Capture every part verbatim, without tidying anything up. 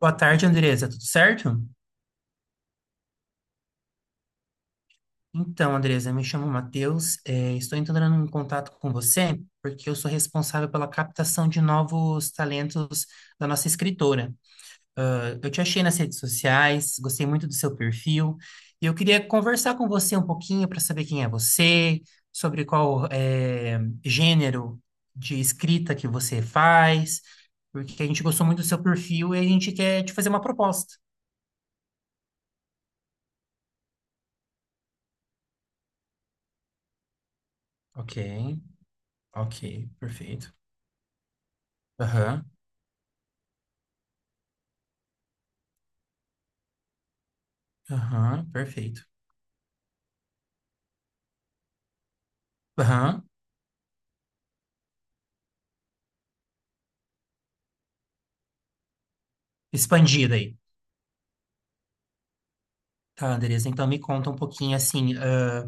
Boa tarde, Andresa. Tudo certo? Então, Andresa, me chamo Matheus. Eh, estou entrando em contato com você porque eu sou responsável pela captação de novos talentos da nossa escritora. Eh, Eu te achei nas redes sociais, gostei muito do seu perfil e eu queria conversar com você um pouquinho para saber quem é você, sobre qual eh, gênero de escrita que você faz, porque a gente gostou muito do seu perfil e a gente quer te fazer uma proposta. Ok, ok, perfeito. Aham, aham, perfeito. Aham, expandida aí. Tá, Andresa, então me conta um pouquinho assim, ah,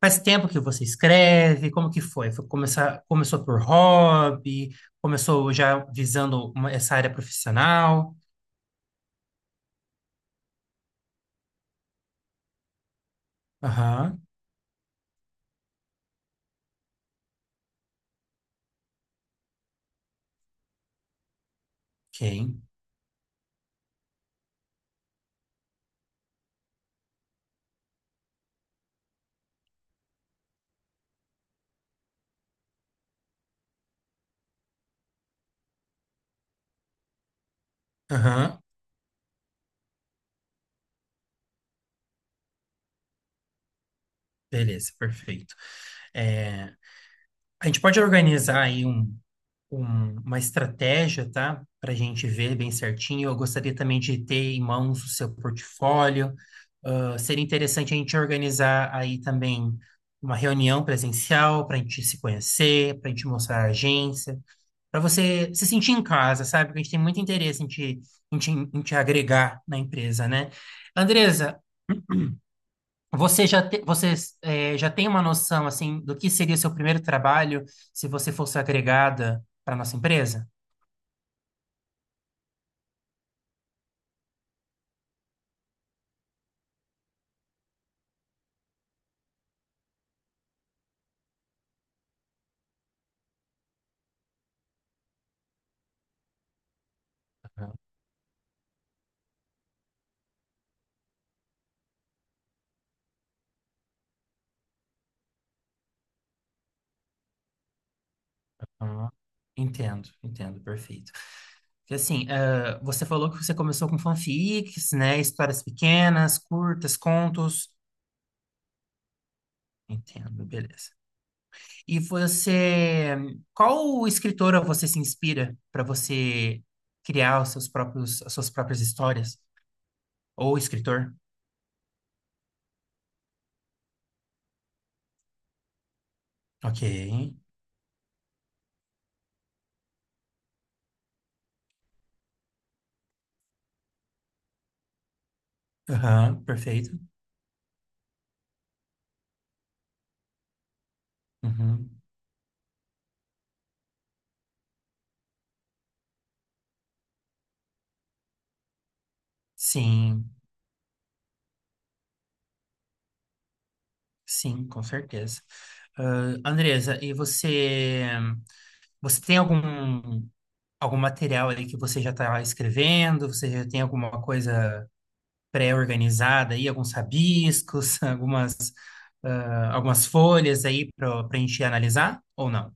faz tempo que você escreve, como que foi? Foi começar, começou por hobby, começou já visando uma- essa área profissional? Aham, ok. Aham, beleza, perfeito. É, a gente pode organizar aí um um- uma estratégia, tá? Para a gente ver bem certinho. Eu gostaria também de ter em mãos o seu portfólio. Ah, seria interessante a gente organizar aí também uma reunião presencial para a gente se conhecer, para a gente mostrar a agência, para você se sentir em casa, sabe? Porque a gente tem muito interesse em te, em te, em te agregar na empresa, né? Andresa, você já, te, você, eh, já tem uma noção, assim, do que seria seu primeiro trabalho se você fosse agregada para nossa empresa? Ah, entendo, entendo, perfeito. Porque assim, ah, você falou que você começou com fanfics, né? Histórias pequenas, curtas, contos. Entendo, beleza. E você, qual escritora você se inspira para você criar os seus próprios, as suas próprias histórias? Ou escritor? Ok. Aham, perfeito. Uhum. Sim. Sim, com certeza. Ah, Andresa, e você, você tem algum, algum material aí que você já está escrevendo? Você já tem alguma coisa pré-organizada aí, alguns rabiscos, algumas, ah, algumas folhas aí para a gente analisar ou não?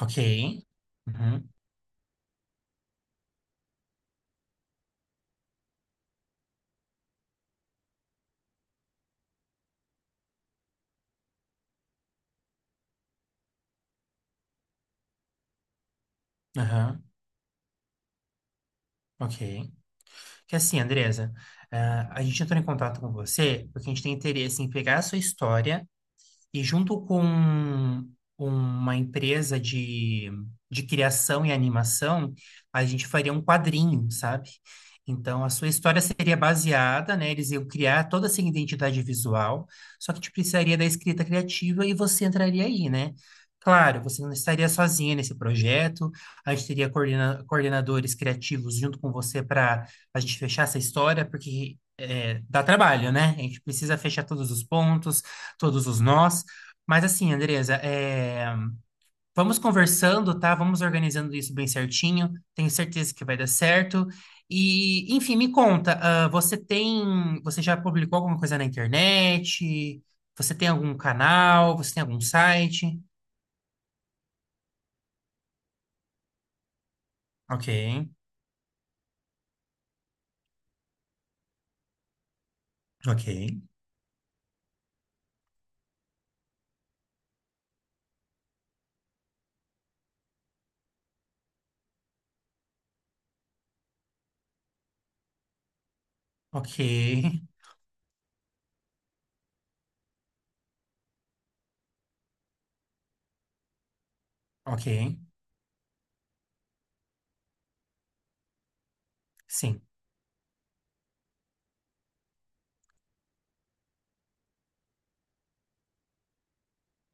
Ok. Uhum, aham, ok. Que assim, Andresa, ah, a gente entrou em contato com você porque a gente tem interesse em pegar a sua história e junto com uma empresa de, de criação e animação, a gente faria um quadrinho, sabe? Então, a sua história seria baseada, né? Eles iam criar toda essa identidade visual, só que a gente precisaria da escrita criativa e você entraria aí, né? Claro, você não estaria sozinha nesse projeto, a gente teria coordena- coordenadores criativos junto com você para a gente fechar essa história, porque é, dá trabalho, né? A gente precisa fechar todos os pontos, todos os nós. Mas assim, Andresa, é, vamos conversando, tá? Vamos organizando isso bem certinho. Tenho certeza que vai dar certo. E, enfim, me conta, ah, você tem, você já publicou alguma coisa na internet? Você tem algum canal? Você tem algum site? Ok, ok, ok, ok. Sim.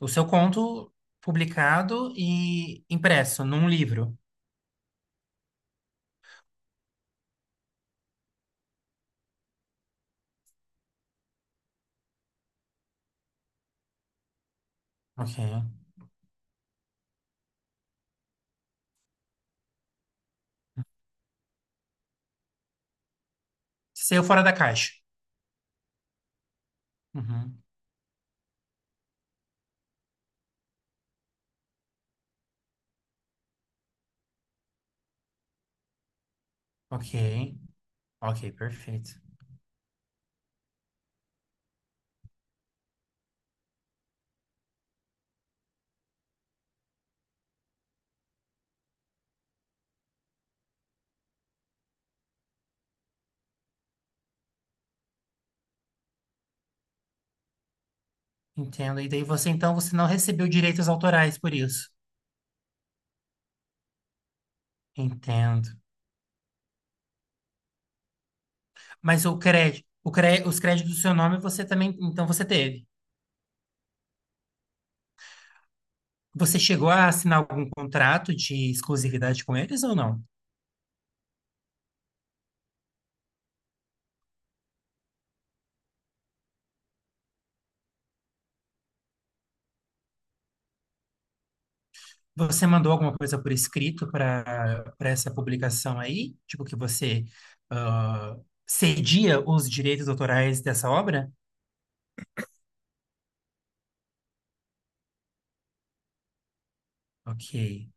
O seu conto publicado e impresso num livro. Ok. Saiu fora da caixa. Uhum. Ok, ok, perfeito. Entendo. E daí você, então, você não recebeu direitos autorais por isso. Entendo. Mas o crédito, o cré, os créditos do seu nome você também, então você teve. Você chegou a assinar algum contrato de exclusividade com eles ou não? Você mandou alguma coisa por escrito para para essa publicação aí? Tipo que você ah, cedia os direitos autorais dessa obra? Ok.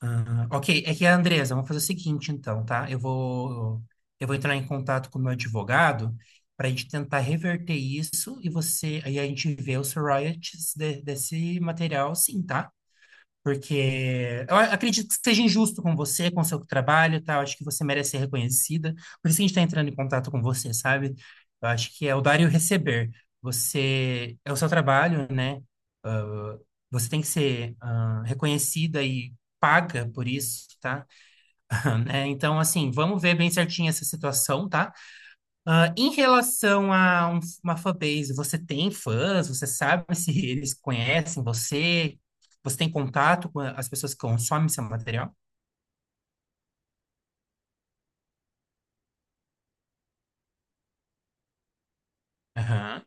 Ah, ok, é que a Andresa, vamos fazer o seguinte então, tá? Eu vou, eu vou entrar em contato com o meu advogado para a gente tentar reverter isso e você, aí a gente vê os royalties de- desse material, sim, tá? Porque eu a- acredito que seja injusto com você, com o seu trabalho, tá? Eu acho que você merece ser reconhecida. Por isso que a gente está entrando em contato com você, sabe? Eu acho que é o dar e o receber. Você, é o seu trabalho, né? Você tem que ser, ah, reconhecida e paga por isso, tá? né? Então, assim, vamos ver bem certinho essa situação, tá? Ah, em relação a um- uma fanbase, você tem fãs? Você sabe se eles conhecem você? Você tem contato com as pessoas que consomem seu material? Aham,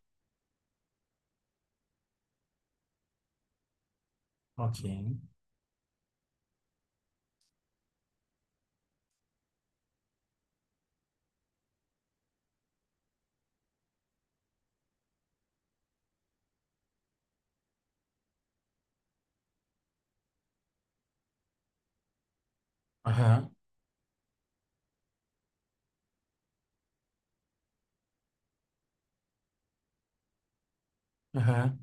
ok. Aham, aham,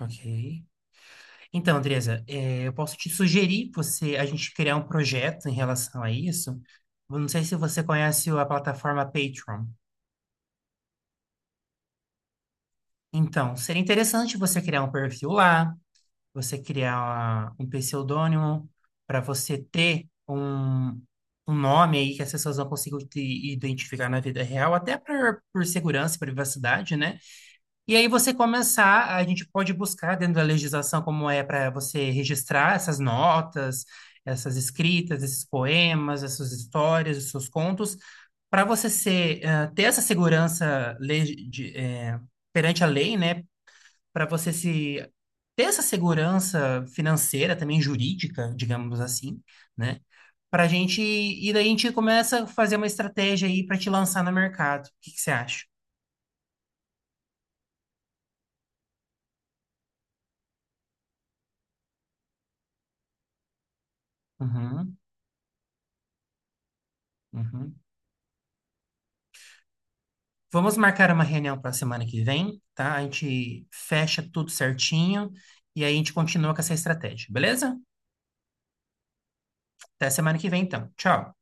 ok. Então, Andresa, eh, eu posso te sugerir você, a gente criar um projeto em relação a isso. Eu não sei se você conhece a plataforma Patreon. Então, seria interessante você criar um perfil lá, você criar um pseudônimo, para você ter um, um nome aí que as pessoas não consigam te identificar na vida real, até por, por segurança e privacidade, né? E aí você começar, a gente pode buscar dentro da legislação como é para você registrar essas notas, essas escritas, esses poemas, essas histórias, esses seus contos, para você ser, eh, ter essa segurança legi- de, eh, perante a lei, né? Para você se ter essa segurança financeira, também jurídica, digamos assim, né? Para gente, e daí a gente começa a fazer uma estratégia aí para te lançar no mercado. O que que você acha? Uhum, uhum. Vamos marcar uma reunião para a semana que vem, tá? A gente fecha tudo certinho e aí a gente continua com essa estratégia, beleza? Até semana que vem, então. Tchau.